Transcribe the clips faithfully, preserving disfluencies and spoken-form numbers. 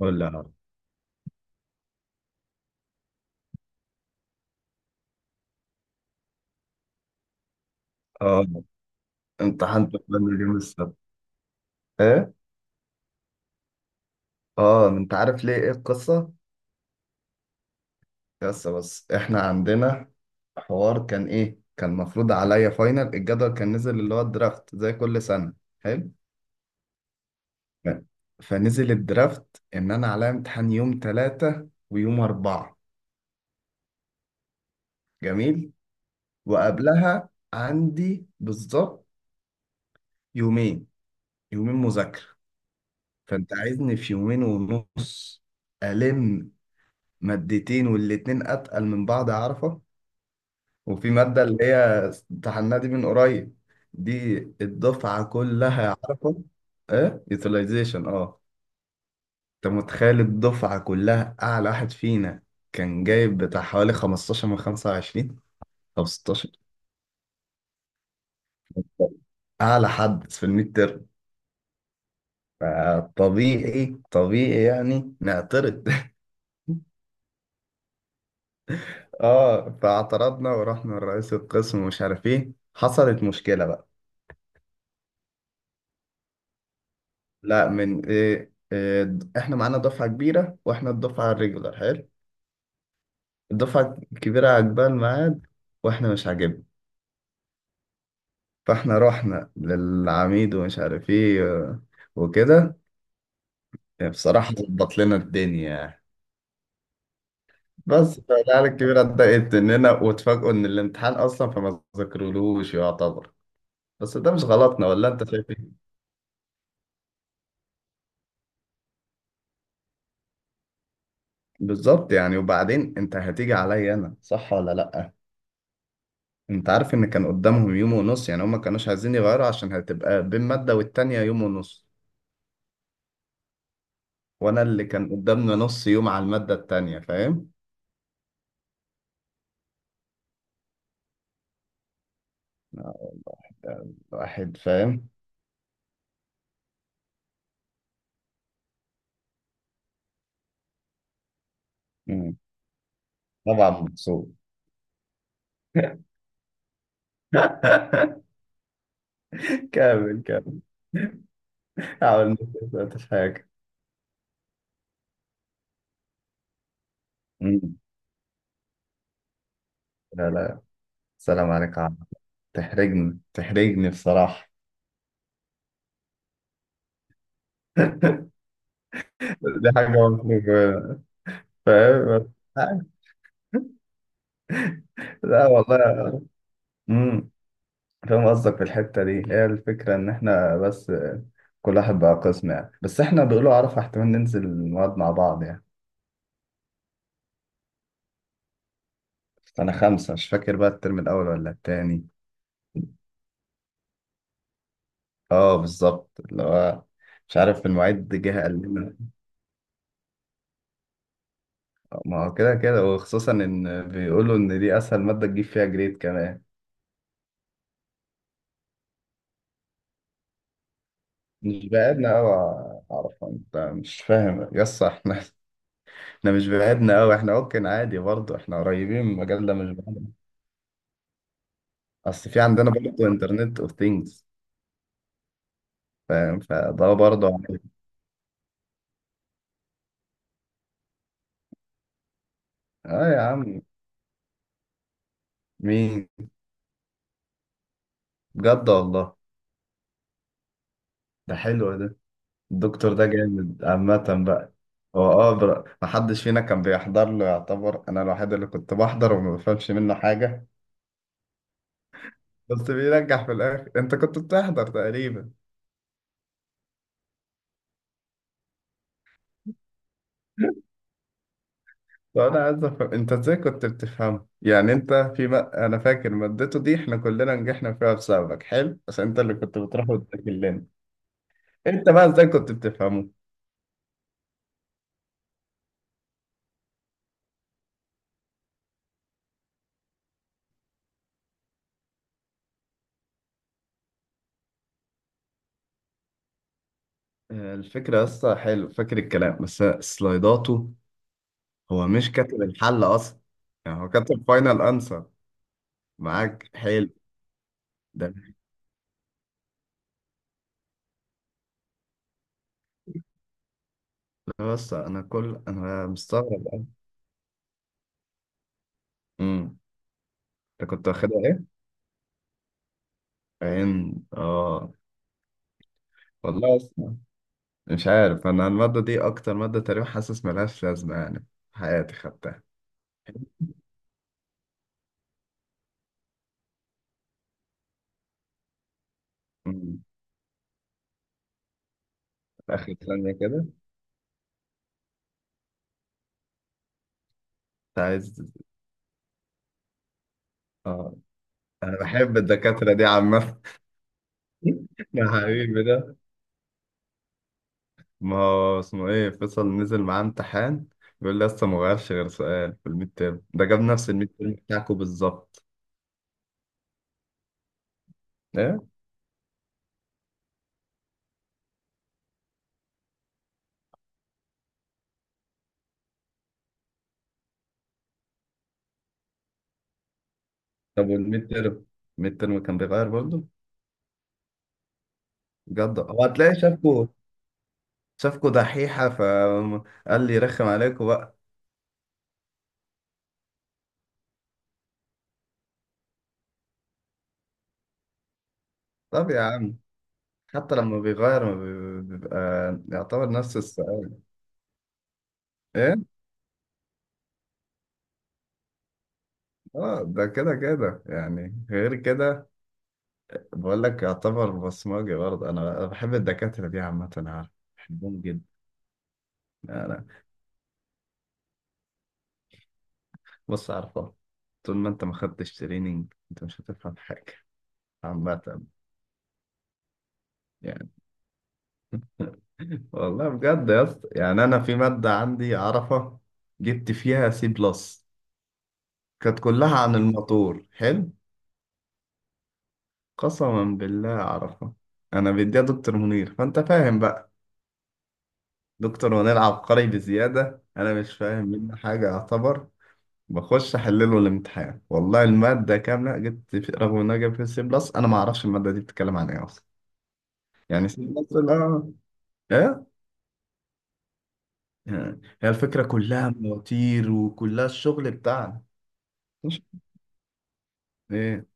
ولا. اه، امتحنت بلد اليوم السبت. ايه؟ اه انت عارف ليه، ايه القصه؟ بس بس احنا عندنا حوار، كان ايه، كان مفروض عليا فاينل، الجدول كان نزل اللي هو الدرافت زي كل سنه. حلو. ف- فنزل الدرافت ان انا عليا امتحان يوم ثلاثة ويوم أربعة. جميل. وقبلها عندي بالظبط يومين، يومين مذاكره. فانت عايزني في يومين ونص الم مادتين والاتنين اتقل من بعض، عارفه؟ وفي ماده اللي هي امتحناها دي من قريب، دي الدفعه كلها عارفه. ايه، يوتيلايزيشن اه. انت متخيل الدفعه كلها اعلى واحد فينا كان جايب بتاع حوالي خمسة عشر من خمسة وعشرين او ستة عشر؟ اعلى حد في الميد تيرم. فطبيعي طبيعي يعني نعترض. اه فاعترضنا ورحنا لرئيس القسم ومش عارف ايه، حصلت مشكله بقى. لا، من إيه إيه إحنا معانا دفعة كبيرة وإحنا الدفعة الريجولار. حلو. الدفعة الكبيرة عجبها الميعاد وإحنا مش عاجبنا. فإحنا رحنا للعميد ومش عارف إيه، آه، وكده. يعني بصراحة ظبط لنا الدنيا يعني. بس فالعيال الكبيرة اتضايقت مننا واتفاجئوا إن الامتحان أصلا فما ذاكرولوش يعتبر، بس ده مش غلطنا، ولا أنت شايف إيه؟ بالظبط يعني. وبعدين أنت هتيجي عليا أنا، صح ولا لأ؟ انت عارف ان كان قدامهم يوم ونص، يعني هما كانوش عايزين يغيروا عشان هتبقى بين مادة والتانية يوم ونص، وانا اللي كان قدامنا نص يوم على المادة التانية، فاهم؟ آه، الواحد فاهم. مم. طبعا مبسوط. كامل كامل. حاول، ما في حاجة. مم. لا لا، سلام عليك يا عم. تحرجني، تحرجني بصراحة. دي حاجة مفروض، فاهم. لا والله. مم. فاهم قصدك، في الحتة دي هي الفكرة، إن إحنا بس كل واحد بقى قسم يعني، بس إحنا بيقولوا عرفة احتمال ننزل المواد مع بعض يعني. أنا خمسة مش فاكر بقى الترم الأول ولا التاني. أه بالظبط اللي هو، مش عارف، المعيد جه قال لنا. ما هو كده كده، وخصوصا إن بيقولوا إن دي أسهل مادة تجيب فيها جريد كمان. مش بعدنا أوي. عرفة أنت مش فاهم، يس إحنا إحنا مش بعدنا أوي، إحنا ممكن عادي برضه، إحنا قريبين من المجال ده مش بعيد. اصل في عندنا برضه انترنت اوف ثينجز، فاهم، فده برضه عامل- اه يا عم، مين؟ بجد والله؟ ده حلو ده. الدكتور ده جامد عامة بقى. هو اه بر- محدش فينا كان بيحضر له يعتبر، انا الوحيد اللي كنت بحضر وما بفهمش منه حاجة بس بينجح في الاخر. انت كنت بتحضر تقريبا. طب انا عايز افهم انت ازاي كنت بتفهم؟ يعني انت في ما... انا فاكر مادته دي احنا كلنا نجحنا فيها بسببك، حلو، بس انت اللي كنت بتروح وتذاكر لنا. انت بقى ازاي كنت بتفهمه؟ آه، الفكرة لسه حلو، فاكر الكلام، بس سلايداته هو مش كاتب الحل أصلا. يعني هو كاتب فاينل أنسر معاك، حلو. ده بس أنا كل... أنا مستغرب أوي. أمم. أنت كنت واخدها إيه؟ عين آه. والله أصلا مش عارف، أنا المادة دي أكتر مادة تقريبا حاسس ملهاش لازمة يعني في حياتي خدتها. أمم. آخر ثانية كده؟ أنت عايز؟ آه. أنا بحب الدكاترة دي عامة. يا حبيبي ده. ما هو اسمه ايه، فيصل، نزل معاه امتحان، بيقول لي لسه ما غيرش، غير سؤال في الميد تيرم، ده جاب نفس الميد تيرم بتاعكم بالظبط. ايه؟ طب والميد تيرم، الميد تيرم كان بيغير برضه؟ بجد؟ هو هتلاقي شافكوا شافكوا دحيحة فقال لي رخم عليكم بقى. طب يا عم. حتى لما بيغير ما بي- بيبقى يعتبر نفس السؤال. ايه؟ اه ده كده كده يعني، غير كده. بقول لك يعتبر بصمجي برضه. انا أنا بحب الدكاترة دي عامة، أنا عارف، بحبهم جدا. بص عارفة، طول ما انت ما خدتش تريننج انت مش هتفهم حاجة عامة يعني. والله بجد يا اسطى، يعني انا في مادة عندي عرفة، جبت فيها سي بلس، كانت كلها عن الموتور، حلو، قسما بالله عرفة، انا بديها دكتور منير، فانت فاهم بقى. دكتور منير عبقري بزيادة، انا مش فاهم منه حاجة يعتبر. بخش احلله الامتحان، والله المادة كاملة جبت في... رغم ان انا جايب فيها سي بلس انا ما اعرفش المادة دي بتتكلم عن ايه اصلا. يعني سي بلس اه. إيه؟ آه، هي الفكرة كلها مواتير وكلها الشغل بتاعنا. ايه؟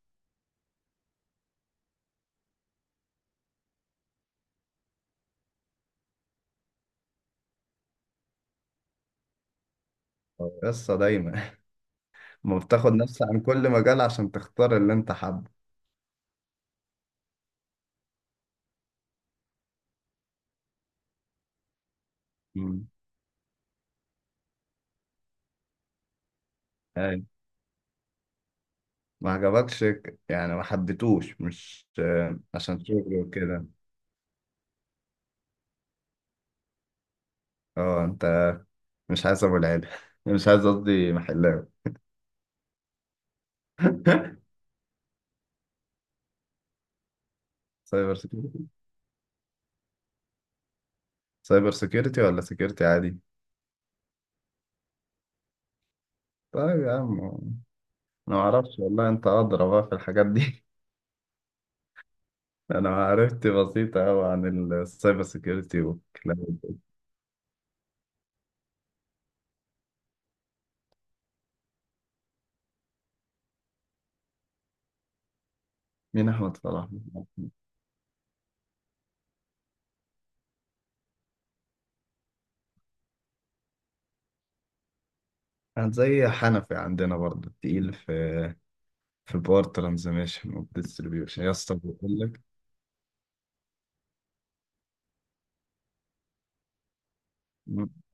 قصة دايما. ما بتاخد نفس عن كل مجال عشان تختار اللي انت حابه. مم. ايوه. ما عجبكش ك- يعني ما حبيتوش، مش آه، عشان شغل وكده. اه انت مش عايز ابو العيلة. مش عايز، قصدي محلاوي. سايبر سيكيورتي، سايبر سيكيورتي ولا سيكيورتي عادي؟ طيب يا عم، انا ما اعرفش والله، انت ادرى بقى في الحاجات دي. انا معرفتي بسيطة قوي عن السايبر سيكيورتي والكلام. مين احمد صلاح؟ كان زي حنفي عندنا برضه، تقيل في في الباور ترانزميشن والديستريبيوشن، يا اسطى بقول لك.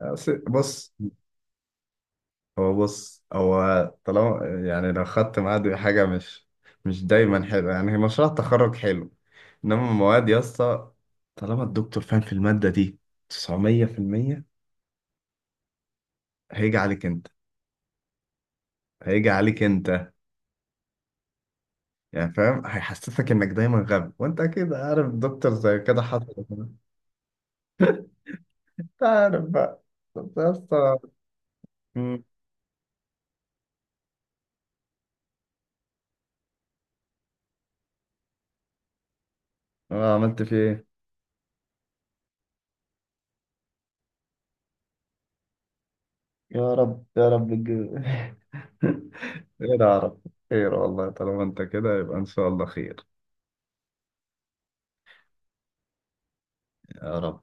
أصل- بص هو، بص هو، طالما يعني لو خدت معاه حاجه مش، مش دايما حلوه يعني، هي مشروع تخرج حلو انما المواد يا اسطى، طالما الدكتور فاهم في الماده دي تسعمية في المية، هيجي عليك انت، هيجي عليك انت يعني، فاهم، هيحسسك انك دايما غبي، وانت اكيد عارف دكتور زي كده حصل. تعرف بقى، طب يا اسطى. مم. آه، عملت فيه ايه؟ يا رب يا رب الج- خير يا رب، خير والله، طالما انت كده يبقى ان شاء الله خير. يا رب.